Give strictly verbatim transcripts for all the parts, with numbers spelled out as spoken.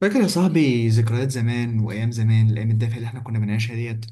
فاكر يا صاحبي ذكريات زمان وايام زمان، الايام الدافئه اللي احنا كنا بنعيشها ديت.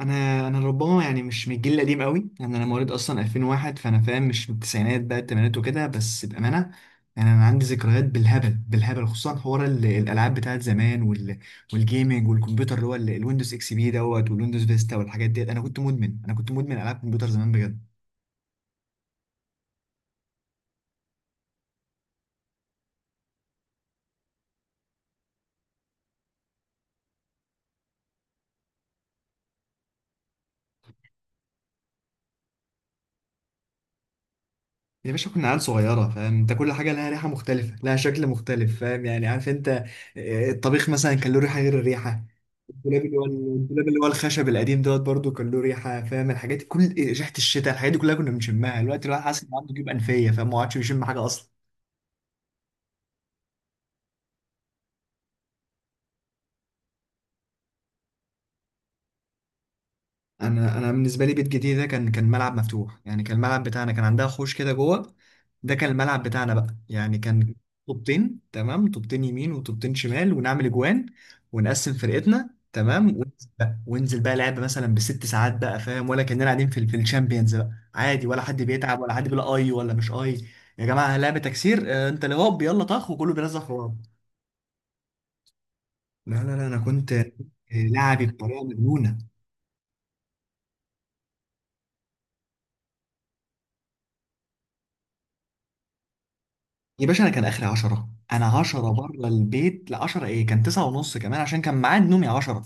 انا انا ربما يعني مش من الجيل القديم قوي، يعني انا مواليد اصلا ألفين وواحد، فانا فاهم مش من التسعينات بقى الثمانينات وكده، بس بامانه يعني انا عندي ذكريات بالهبل بالهبل، خصوصا حوار ال- الالعاب بتاعت زمان وال والجيمنج والكمبيوتر اللي هو ال- الويندوز اكس بي دوت والويندوز فيستا والحاجات ديت. انا كنت مدمن انا كنت مدمن العاب كمبيوتر زمان بجد. يا باشا كنا عيال صغيرة، فاهم انت؟ كل حاجة لها ريحة مختلفة، لها شكل مختلف، فاهم يعني؟ عارف انت، آه، الطبيخ مثلا كان له ريحه غير الريحه. الدولاب اللي هو الدولاب اللي هو الخشب القديم دوت برضو كان له ريحه، فاهم؟ الحاجات دي، كل ريحه الشتاء الحاجات دي كلها كنا بنشمها، الوقت الواحد حاسس ان عنده جيوب انفيه فما عادش بيشم حاجه اصلا. انا انا بالنسبه لي بيت جديد ده كان كان ملعب مفتوح، يعني كان الملعب بتاعنا، كان عندها حوش كده جوه، ده كان الملعب بتاعنا بقى. يعني كان طوبتين، تمام، طوبتين يمين وطوبتين شمال ونعمل اجوان ونقسم فرقتنا، تمام، وننزل بقى وننزل بقى لعب مثلا بست ساعات بقى، فاهم؟ ولا كاننا قاعدين في ال- في الشامبيونز بقى، عادي، ولا حد بيتعب ولا حد بيقول اي ولا مش اي. يا جماعه لعبه تكسير، آه، انت اللي هوب يلا طخ وكله بينزل في بعض. لا لا لا، انا كنت لعبي بطريقه مجنونه. يا باشا انا كان اخري عشرة، انا عشرة بره البيت ل عشرة، ايه، كان تسعة ونص كمان، عشان كان ميعاد نومي عشرة.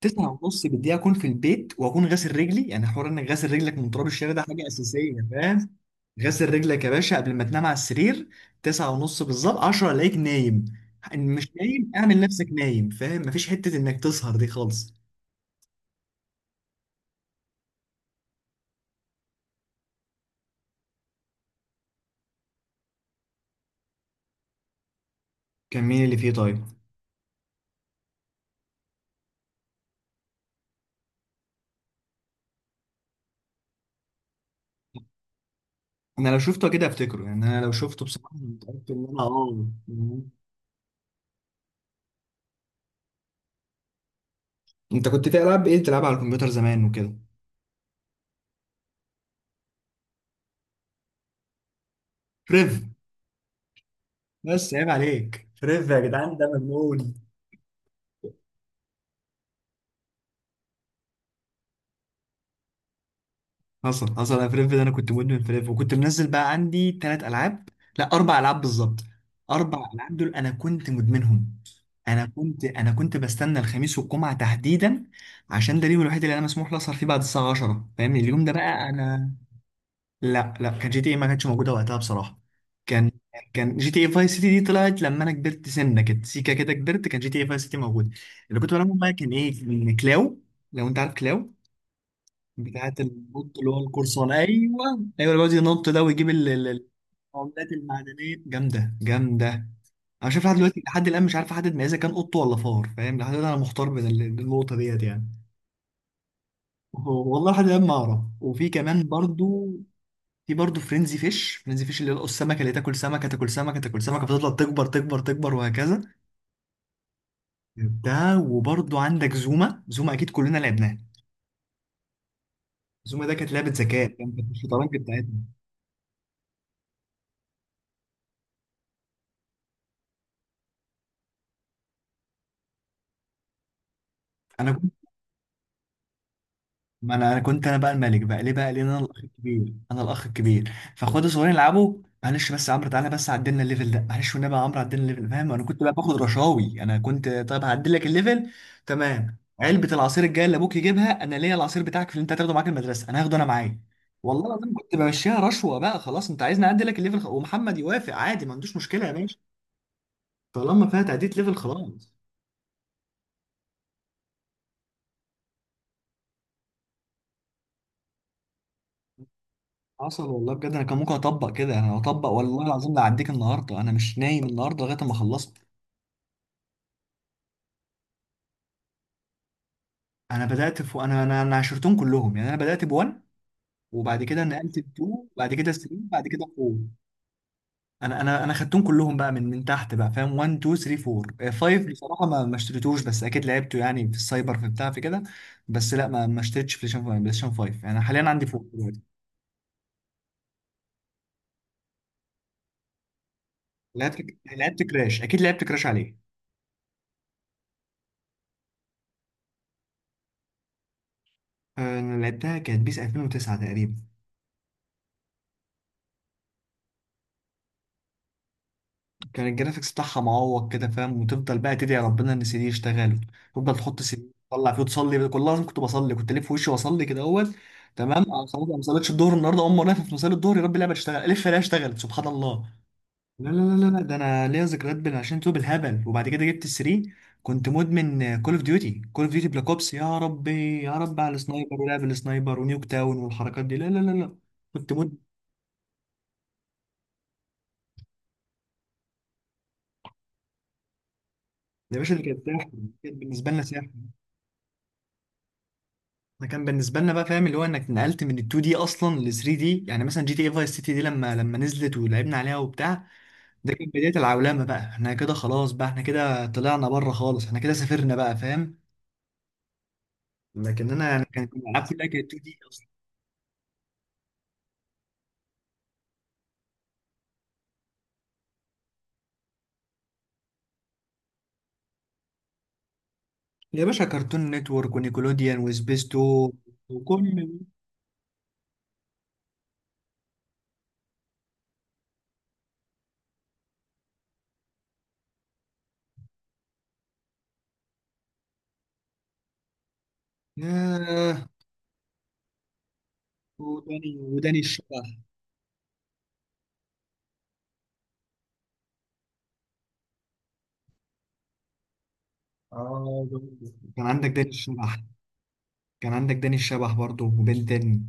تسعة ونص بالدقيقه اكون في البيت واكون غاسل رجلي، يعني حوار انك غاسل رجلك من تراب الشارع ده حاجه اساسيه، فاهم؟ غاسل رجلك يا باشا قبل ما تنام على السرير. تسعة ونص بالظبط، عشرة الاقيك نايم. إن مش نايم اعمل نفسك نايم، فاهم؟ مفيش حته انك تسهر دي خالص. كان مين اللي فيه طيب؟ انا لو شفته كده افتكره، يعني انا لو شفته بصراحه أنا متاكد ان انا، اه. انت كنت في العاب ايه بتلعبها على الكمبيوتر زمان وكده؟ ريف. بس عيب عليك، فريف يا جدعان ده مجنون. حصل حصل، انا فريف ده انا كنت مدمن فريف، وكنت منزل بقى عندي ثلاث العاب، لا اربع العاب بالظبط، اربع العاب دول انا كنت مدمنهم. انا كنت انا كنت بستنى الخميس والجمعه تحديدا، عشان ده اليوم الوحيد اللي انا مسموح لي اسهر فيه بعد الساعه عشرة، فاهمني؟ اليوم ده بقى انا. لا لا، كان جي تي اي ما كانتش موجوده وقتها بصراحه. كان كان جي تي اي فاي سيتي دي طلعت لما انا كبرت سنه كده، سيكا كده كبرت كان جي تي اي فاي سيتي موجوده. اللي كنت بلعبهم بقى كان ايه؟ كلاو، لو انت عارف كلاو، بتاعت النط، اللي هو القرصان، ايوه. ايوه اللي بيقعد ينط ده ويجيب ال- ال- العملات المعدنيه، جامده جامده. انا شايف لحد دلوقتي، لحد الان مش عارف احدد ما اذا كان قط ولا فار، فاهم؟ لحد الان انا محتار بين ال- النقطه ديت يعني. هو- والله لحد الان ما اعرف. وفي كمان برضو، في برضه فرينزي فيش، فرينزي فيش اللي هو السمكه اللي تاكل سمكه تاكل سمكه تاكل سمكه فتفضل تكبر تكبر تكبر وهكذا. ده وبرضه عندك زوما، زوما اكيد كلنا لعبناه. زوما ده كانت لعبه ذكاء، كانت الشطرنج بتاعتنا. انا ما انا انا كنت انا بقى الملك بقى، ليه بقى؟ لان انا الاخ الكبير، انا الاخ الكبير، فاخواتي الصغيرين يلعبوا. معلش بس يا عمرو، تعالى بس عدلنا الليفل ده، معلش والنبي يا عمرو عدلنا الليفل، فاهم؟ انا كنت بقى باخد رشاوي، انا كنت طيب هعدل لك الليفل، تمام. علبه العصير الجايه اللي ابوك يجيبها انا ليا، العصير بتاعك في اللي انت هتاخده معاك المدرسه انا هاخده انا معايا. والله العظيم كنت بمشيها رشوه بقى، خلاص انت عايزني اعدل لك الليفل، خ- ومحمد يوافق عادي، ما عندوش مشكله يا باشا، طالما فيها تعديل ليفل، خلاص. حصل والله بجد، انا كان ممكن اطبق كده، انا اطبق والله العظيم، لا اعديك النهارده، انا مش نايم النهارده لغايه ما خلصت. انا بدات في انا انا انا عشرتهم كلهم يعني، انا بدات ب1، وبعد كده نقلت ل2، بعد كده تلاتة، بعد كده اربعة. انا انا انا خدتهم كلهم بقى من من تحت بقى، فاهم؟ واحد، اتنين، ثلاثة، أربعة، خمسة. بصراحه ما ما اشتريتوش، بس اكيد لعبته يعني، في السايبر، في بتاع، في كده. بس لا ما ما اشتريتش بلاي ستيشن خمسة. بلاي ستيشن خمسة، انا حاليا عندي أربعة دلوقتي. لعبت لعبت كراش، اكيد لعبت كراش عليه. آه، انا لعبتها كانت بيس ألفين و تسعة تقريبا. كان الجرافيكس بتاعها معوق كده، فاهم؟ وتفضل بقى تدعي ربنا ان سي دي يشتغل، تفضل تحط سي دي تطلع فيه وتصلي، كل لازم كنت بصلي، كنت الف وشي واصلي كده اول، تمام أنا خلاص، أنا ما صليتش الظهر النهارده اقوم وانا واقف في مصلي الظهر، يا رب اللعبه تشتغل، الف الاقيها اشتغلت، سبحان الله. لا لا لا لا لا، ده انا ليا ذكريات بال- عشان تو بالهبل، وبعد كده جبت السري، كنت مدمن كول اوف ديوتي. كول اوف ديوتي بلاك اوبس، يا ربي يا رب على السنايبر ولعب السنايبر ونيوك تاون والحركات دي، لا لا لا لا كنت مدمن. يا باشا دي كانت سحر، كانت بالنسبه لنا سحر، انا كان بالنسبه لنا بقى، فاهم؟ اللي هو انك نقلت من ال اتنين دي اصلا ل ثلاتة دي، يعني مثلا جي تي اي فايس سيتي دي لما لما نزلت ولعبنا عليها وبتاع، ده كانت بدايه العولمه بقى، احنا كده خلاص بقى، احنا كده طلعنا بره خالص، احنا كده سافرنا بقى، فاهم؟ لكن انا يعني كانت الالعاب كلها كانت اتنين دي اصلا. يا باشا كرتون نتورك ونيكولوديان وسبيستو وكل. ياه، وداني وداني الشبح. اه، كان عندك داني الشبح، كان عندك داني الشبح برضه، وبنتن.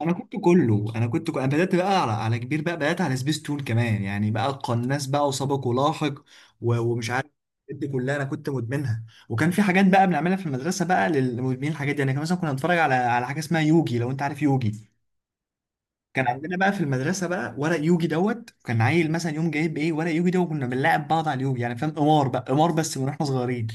انا كنت كله انا كنت انا بدات بقى على على كبير بقى، بدات على سبيس تون كمان، يعني بقى قناص بقى، وسابق ولاحق، و- ومش عارف، الحاجات دي كلها انا كنت مدمنها. وكان في حاجات بقى بنعملها في المدرسه بقى للمدمنين الحاجات دي، يعني كان مثلا كنا نتفرج على على حاجه اسمها يوجي، لو انت عارف يوجي. كان عندنا بقى في المدرسه بقى ورق يوجي دوت، كان عيل مثلا يوم جايب ايه ورق يوجي ده، وكنا بنلاعب بعض على اليوجي يعني، فاهم؟ قمار بقى، قمار بس من واحنا صغيرين.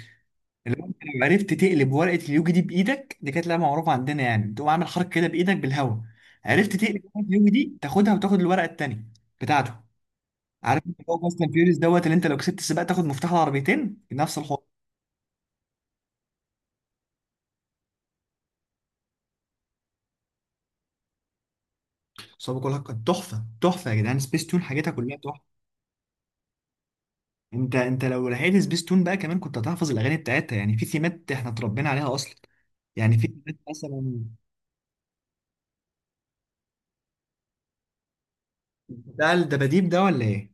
لو انت لو عرفت تقلب ورقه اليوجي دي بايدك، دي كانت لعبه معروفه عندنا يعني، بتقوم عامل حركه كده بايدك بالهواء، عرفت تقلب ورقه اليوجي دي تاخدها وتاخد الورقه التانيه بتاعته. عارف انت هو فاست اند فيوريوس دوت، اللي انت لو كسبت السباق تاخد مفتاح العربيتين، نفس الحوار. صعب كلها كانت تحفه، تحفه يا جدعان، سبيس تون حاجاتها كلها تحفه. انت انت لو لحقت سبيس تون بقى كمان كنت هتحفظ الاغاني بتاعتها، يعني في ثيمات احنا اتربينا عليها اصلا، يعني في ثيمات مثلا. بتاع الدباديب ده ولا ايه؟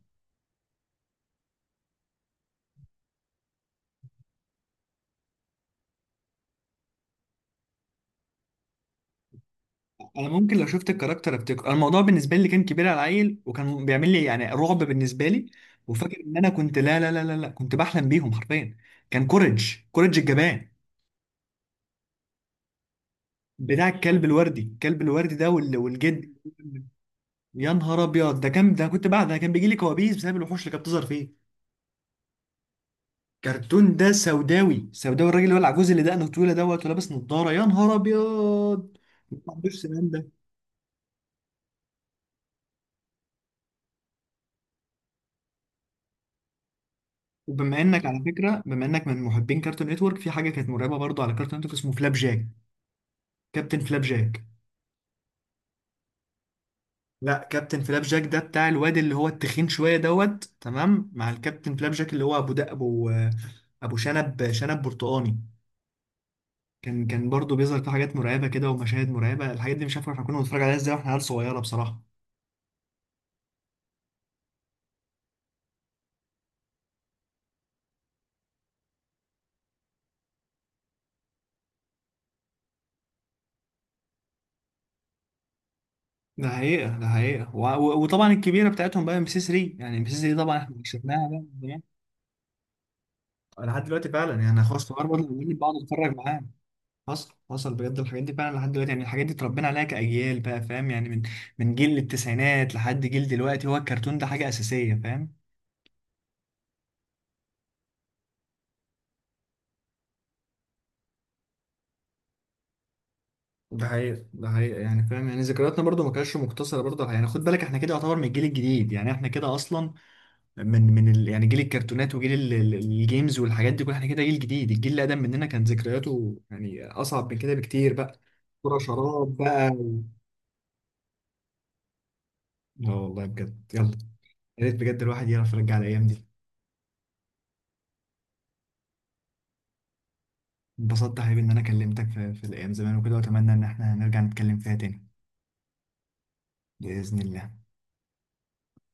انا ممكن لو شفت الكاركتر افتكر، أنا الموضوع بالنسبه لي كان كبير على العيل، وكان بيعمل لي يعني رعب بالنسبه لي، وفاكر ان انا كنت، لا لا لا لا لا، كنت بحلم بيهم حرفيا. كان كوريج، كوريج الجبان. بتاع الكلب الوردي، الكلب الوردي ده، وال- والجد. يا نهار ابيض، ده كان، ده كنت، بعد ده كان بيجي لي كوابيس بسبب الوحوش اللي كانت بتظهر فيه. كرتون ده سوداوي سوداوي، الراجل اللي هو العجوز اللي دقنه طويله دوت ولابس نضاره، يا نهار ابيض، ما عندوش سنان. وبما انك على فكره، بما انك من محبين كارتون نتورك، في حاجه كانت مرعبه برضو على كارتون نتورك اسمه فلاب جاك، كابتن فلاب جاك. لا كابتن فلاب جاك ده بتاع الواد اللي هو التخين شويه دوت، تمام، مع الكابتن فلاب جاك اللي هو ابو ده، ابو ابو شنب، شنب برتقاني. كان كان برضو بيظهر في حاجات مرعبه كده ومشاهد مرعبه، الحاجات دي مش عارف احنا كنا بنتفرج عليها ازاي واحنا عيال صغيره بصراحه. ده حقيقه، ده حقيقه، و... و... وطبعا الكبيره بتاعتهم بقى ام سي تلاتة، يعني ام سي تلاتة طبعا احنا كسبناها بقى من زمان. لحد دلوقتي فعلا يعني، خلاص الحوار برضه بيقول لي بقعد اتفرج معاه. حصل حصل بجد، الحاجات دي فعلا لحد دلوقتي، يعني الحاجات دي اتربينا عليها كأجيال بقى، فاهم؟ يعني من من جيل التسعينات لحد جيل دلوقتي هو الكرتون ده حاجة أساسية، فاهم؟ ده حقيقة، ده حقيقة، يعني فاهم؟ يعني ذكرياتنا برضو ما كانتش مقتصرة برضو على- يعني خد بالك احنا كده يعتبر من الجيل الجديد، يعني احنا كده أصلا من من ال... يعني جيل الكرتونات وجيل ال... ال- الجيمز والحاجات دي كلها، احنا كده جيل جديد، الجيل اللي أقدم مننا كان ذكرياته يعني أصعب من كده بكتير بقى. كرة شراب بقى و- لا والله بجد، يلا، يا ريت بجد الواحد يعرف يرجع الأيام دي. انبسطت يا حبيبي ان انا كلمتك في, في الايام زمان وكده، واتمنى ان احنا نرجع نتكلم فيها تاني، بإذن الله.